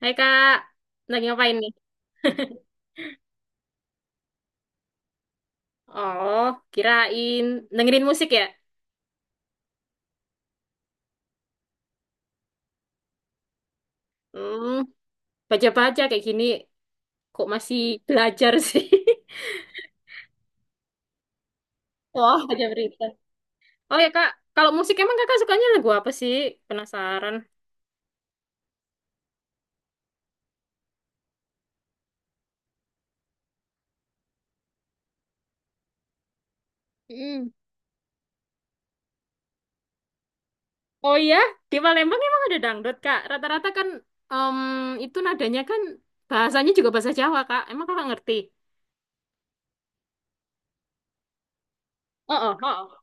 Hai Kak, lagi ngapain nih? Oh, kirain dengerin musik ya? Hmm, baca-baca kayak gini kok masih belajar sih. Wah, baca berita. Oh ya Kak, kalau musik emang Kakak sukanya lagu apa sih? Penasaran. Mm. Oh iya, di Palembang emang ada dangdut Kak. Rata-rata kan em, itu nadanya kan bahasanya juga bahasa Jawa Kak. Emang Kakak ngerti? Oh, oh, oh.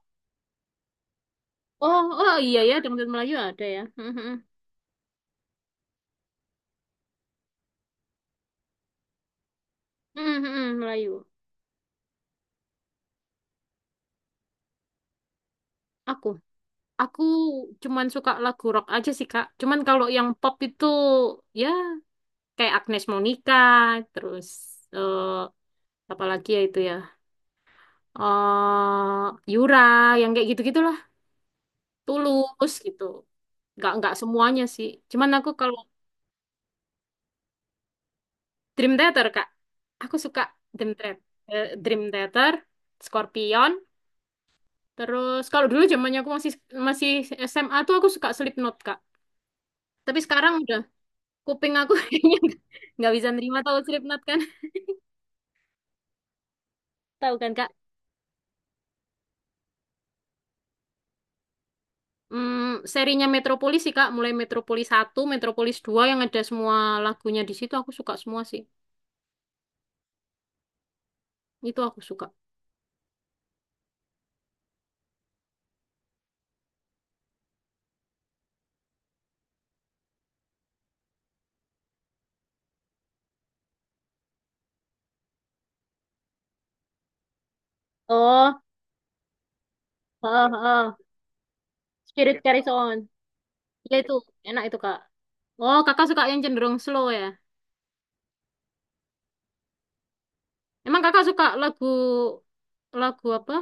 Oh, oh iya ya, dangdut Melayu ada ya. Hmm, hmm, hmm, Melayu. Aku. Aku cuman suka lagu rock aja sih, Kak. Cuman kalau yang pop itu ya kayak Agnes Monica, terus eh apa lagi ya itu ya? eh Yura yang kayak gitu-gitulah. Tulus gitu. Nggak semuanya sih. Cuman aku kalau Dream Theater, Kak. Aku suka Dream Theater, Dream Theater, Scorpion, terus kalau dulu zamannya aku masih masih SMA tuh aku suka Slipknot, Kak. Tapi sekarang udah. Kuping aku kayaknya nggak bisa nerima, tahu Slipknot kan? Tahu kan Kak? Hmm, serinya Metropolis sih Kak, mulai Metropolis satu, Metropolis dua yang ada semua lagunya di situ aku suka semua sih. Itu aku suka. Oh, heeh, heeh. Spirit Carries On. Iya itu enak itu Kak. Oh, Kakak suka yang cenderung slow ya. Emang Kakak suka lagu lagu apa?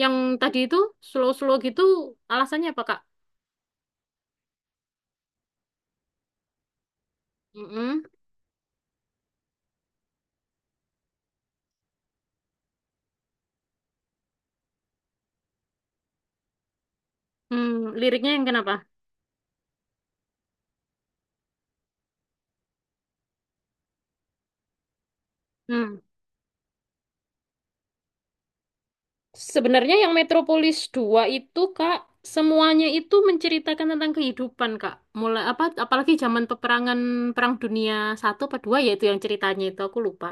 Yang tadi itu slow-slow gitu alasannya apa Kak? Mm-mm. Hmm, liriknya yang kenapa? Hmm. Sebenarnya yang Metropolis dua itu Kak, semuanya itu menceritakan tentang kehidupan Kak. Mulai apa apalagi zaman peperangan Perang Dunia satu apa dua, yaitu yang ceritanya itu aku lupa.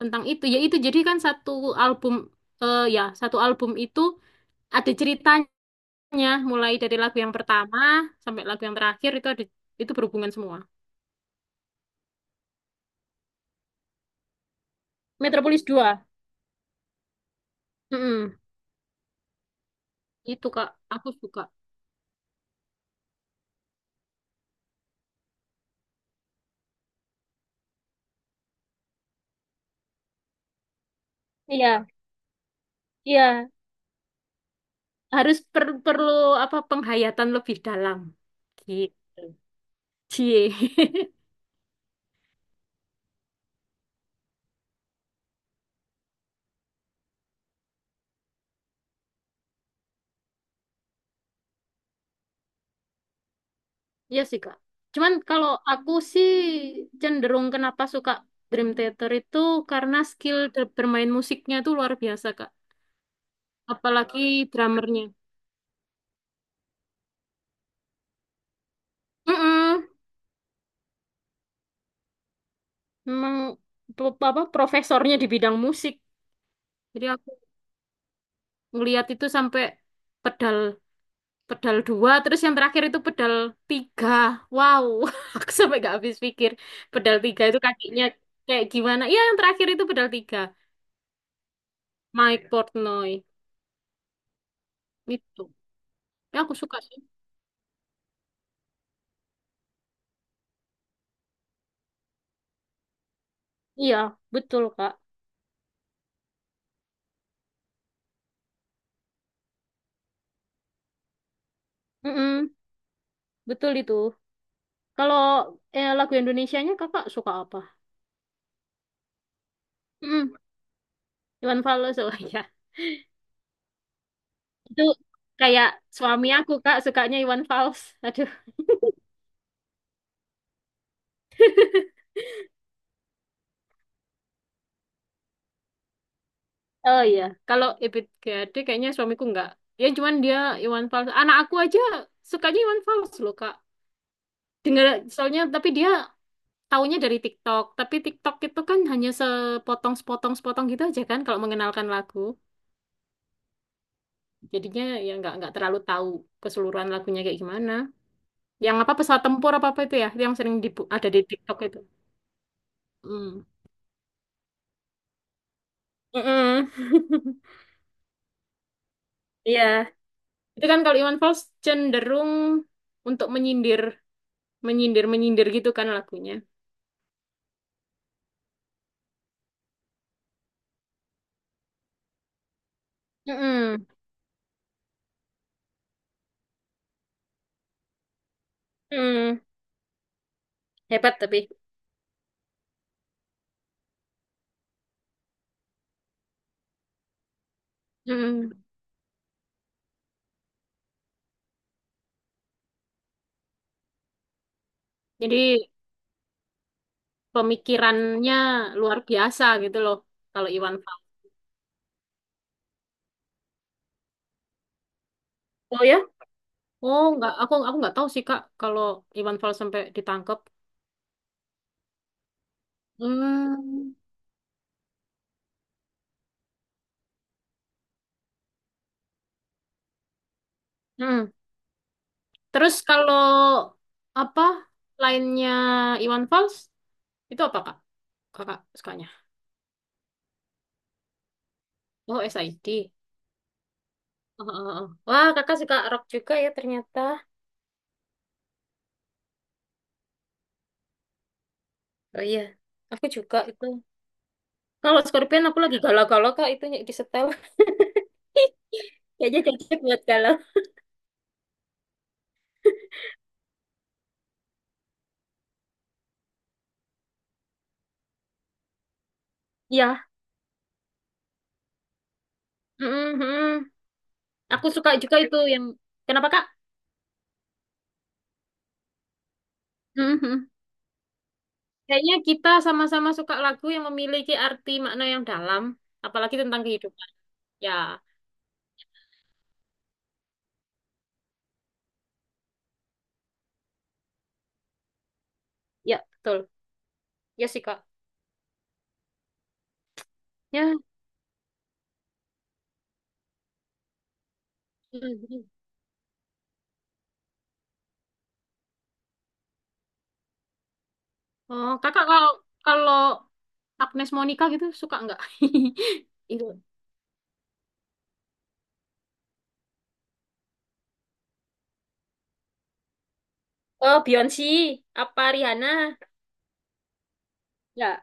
Tentang itu ya itu jadi kan satu album ya satu album itu ada ceritanya mulai dari lagu yang pertama sampai lagu yang terakhir itu ada, itu berhubungan semua. Metropolis dua. Mm-mm. Itu Kak, aku suka. Iya, iya. Harus perlu apa penghayatan lebih dalam gitu. Cie. Iya sih, Kak. Cuman kalau aku sih cenderung kenapa suka Dream Theater itu karena skill bermain musiknya itu luar biasa, Kak. Apalagi drummernya. Mm-mm. Memang apa profesornya di bidang musik. Jadi aku ngelihat itu sampai pedal pedal dua, terus yang terakhir itu pedal tiga. Wow. Aku sampai nggak habis pikir pedal tiga itu kakinya kayak gimana. Ya, yang terakhir itu pedal tiga. Mike Portnoy itu ya, aku suka sih. Iya betul Kak. Mm-mm, betul itu. Kalau lagu Indonesianya kakak suka apa? Mm. Iwan Fals, oh iya. Itu kayak suami aku Kak sukanya Iwan Fals, aduh. Oh iya, kalau Ebit GAD kayaknya suamiku nggak. Ya cuman dia Iwan Fals. Anak aku aja sukanya Iwan Fals loh, Kak. Dengar soalnya, tapi dia taunya dari TikTok. Tapi TikTok itu kan hanya sepotong-sepotong-sepotong gitu aja kan kalau mengenalkan lagu. Jadinya ya nggak terlalu tahu keseluruhan lagunya kayak gimana. Yang apa pesawat tempur apa apa itu ya, yang sering ada di TikTok itu. Hmm. Mm-mm. Iya, itu kan kalau Iwan Fals cenderung untuk menyindir, menyindir, menyindir gitu kan lagunya. Mm-mm. Mm. Hebat tapi. Mm. Jadi pemikirannya luar biasa gitu loh kalau Iwan Fals. Oh ya? Oh, nggak, aku nggak tahu sih Kak kalau Iwan Fals sampai ditangkap. Hmm. Hmm. Terus kalau apa lainnya Iwan Fals itu apa Kak? Kakak sukanya? Oh, SID. Oh, oh, oh. Wah, Kakak suka rock juga ya ternyata. Oh iya. Aku juga itu. Kalau Scorpion aku lagi galau-galau Kak itunya di setel. Kayaknya cocok buat galau. Ya, mm, mm. Aku suka juga itu yang kenapa Kak? Mm, mm. Kayaknya kita sama-sama suka lagu yang memiliki arti makna yang dalam, apalagi tentang kehidupan. Ya, ya betul. Ya sih Kak. Ya. Mm, mm. Oh, Kakak kalau kalau Agnes Monica gitu suka nggak? Itu. Oh, Beyonce, apa Rihanna? Ya.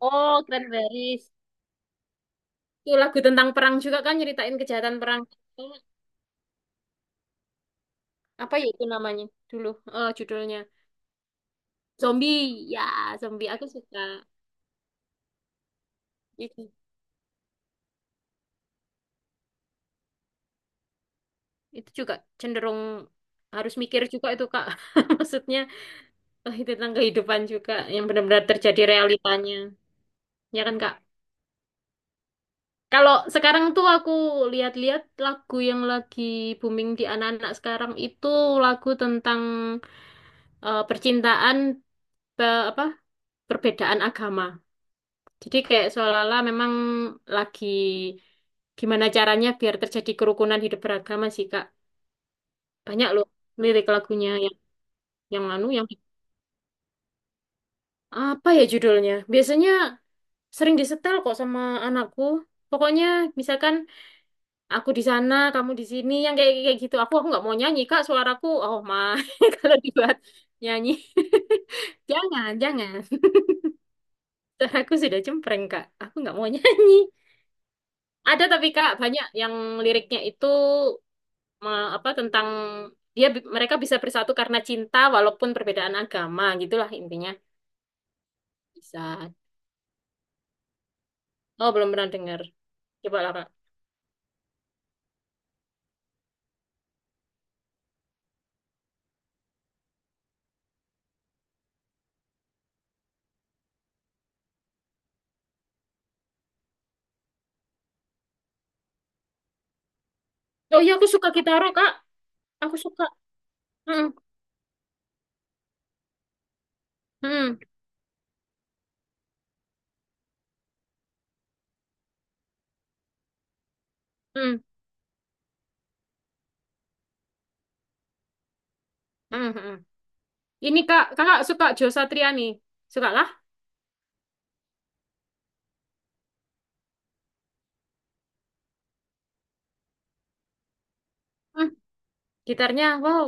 Oh, Cranberries. Itu lagu tentang perang juga kan, nyeritain kejahatan perang. Apa ya itu namanya dulu, judulnya zombie ya zombie aku suka itu. Itu juga cenderung harus mikir juga itu kak. Maksudnya itu tentang kehidupan juga yang benar-benar terjadi realitanya, ya kan kak? Kalau sekarang tuh aku lihat-lihat lagu yang lagi booming di anak-anak sekarang itu lagu tentang percintaan, apa perbedaan agama. Jadi kayak seolah-olah memang lagi gimana caranya biar terjadi kerukunan hidup beragama sih, Kak. Banyak loh lirik lagunya yang anu yang apa ya judulnya? Biasanya sering disetel kok sama anakku. Pokoknya misalkan aku di sana, kamu di sini, yang kayak kayak gitu. Aku nggak mau nyanyi, Kak. Suaraku oh ma kalau dibuat nyanyi. Jangan, jangan. Suaraku sudah cempreng, Kak. Aku nggak mau nyanyi. Ada tapi Kak, banyak yang liriknya itu apa tentang dia mereka bisa bersatu karena cinta walaupun perbedaan agama gitulah intinya bisa. Oh belum pernah dengar, coba lah kak. Oh iya aku suka kitaro kak, aku suka. Hmm, hmm, hmm, hmm, hmm. Ini kak kakak suka Jo Satriani, suka lah. Hmm. Gitarnya wow.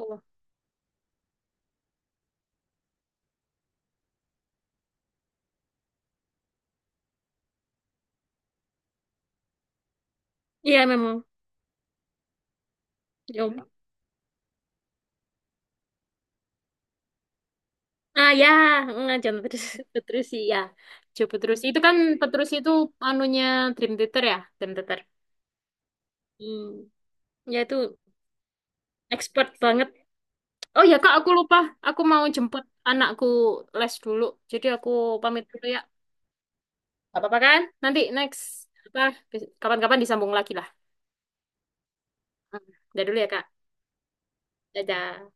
Iya memang. Jo, ah ya. Hmm, John Petrucci ya. Jo Petrucci itu kan Petrucci itu anunya Dream Theater ya Dream Theater. Hmm. Ya itu expert banget. Oh ya Kak, aku lupa. Aku mau jemput anakku les dulu. Jadi aku pamit dulu ya. Gak apa-apa kan? Nanti next apa kapan-kapan disambung lagi lah. Hmm. Udah dulu ya Kak. Dadah.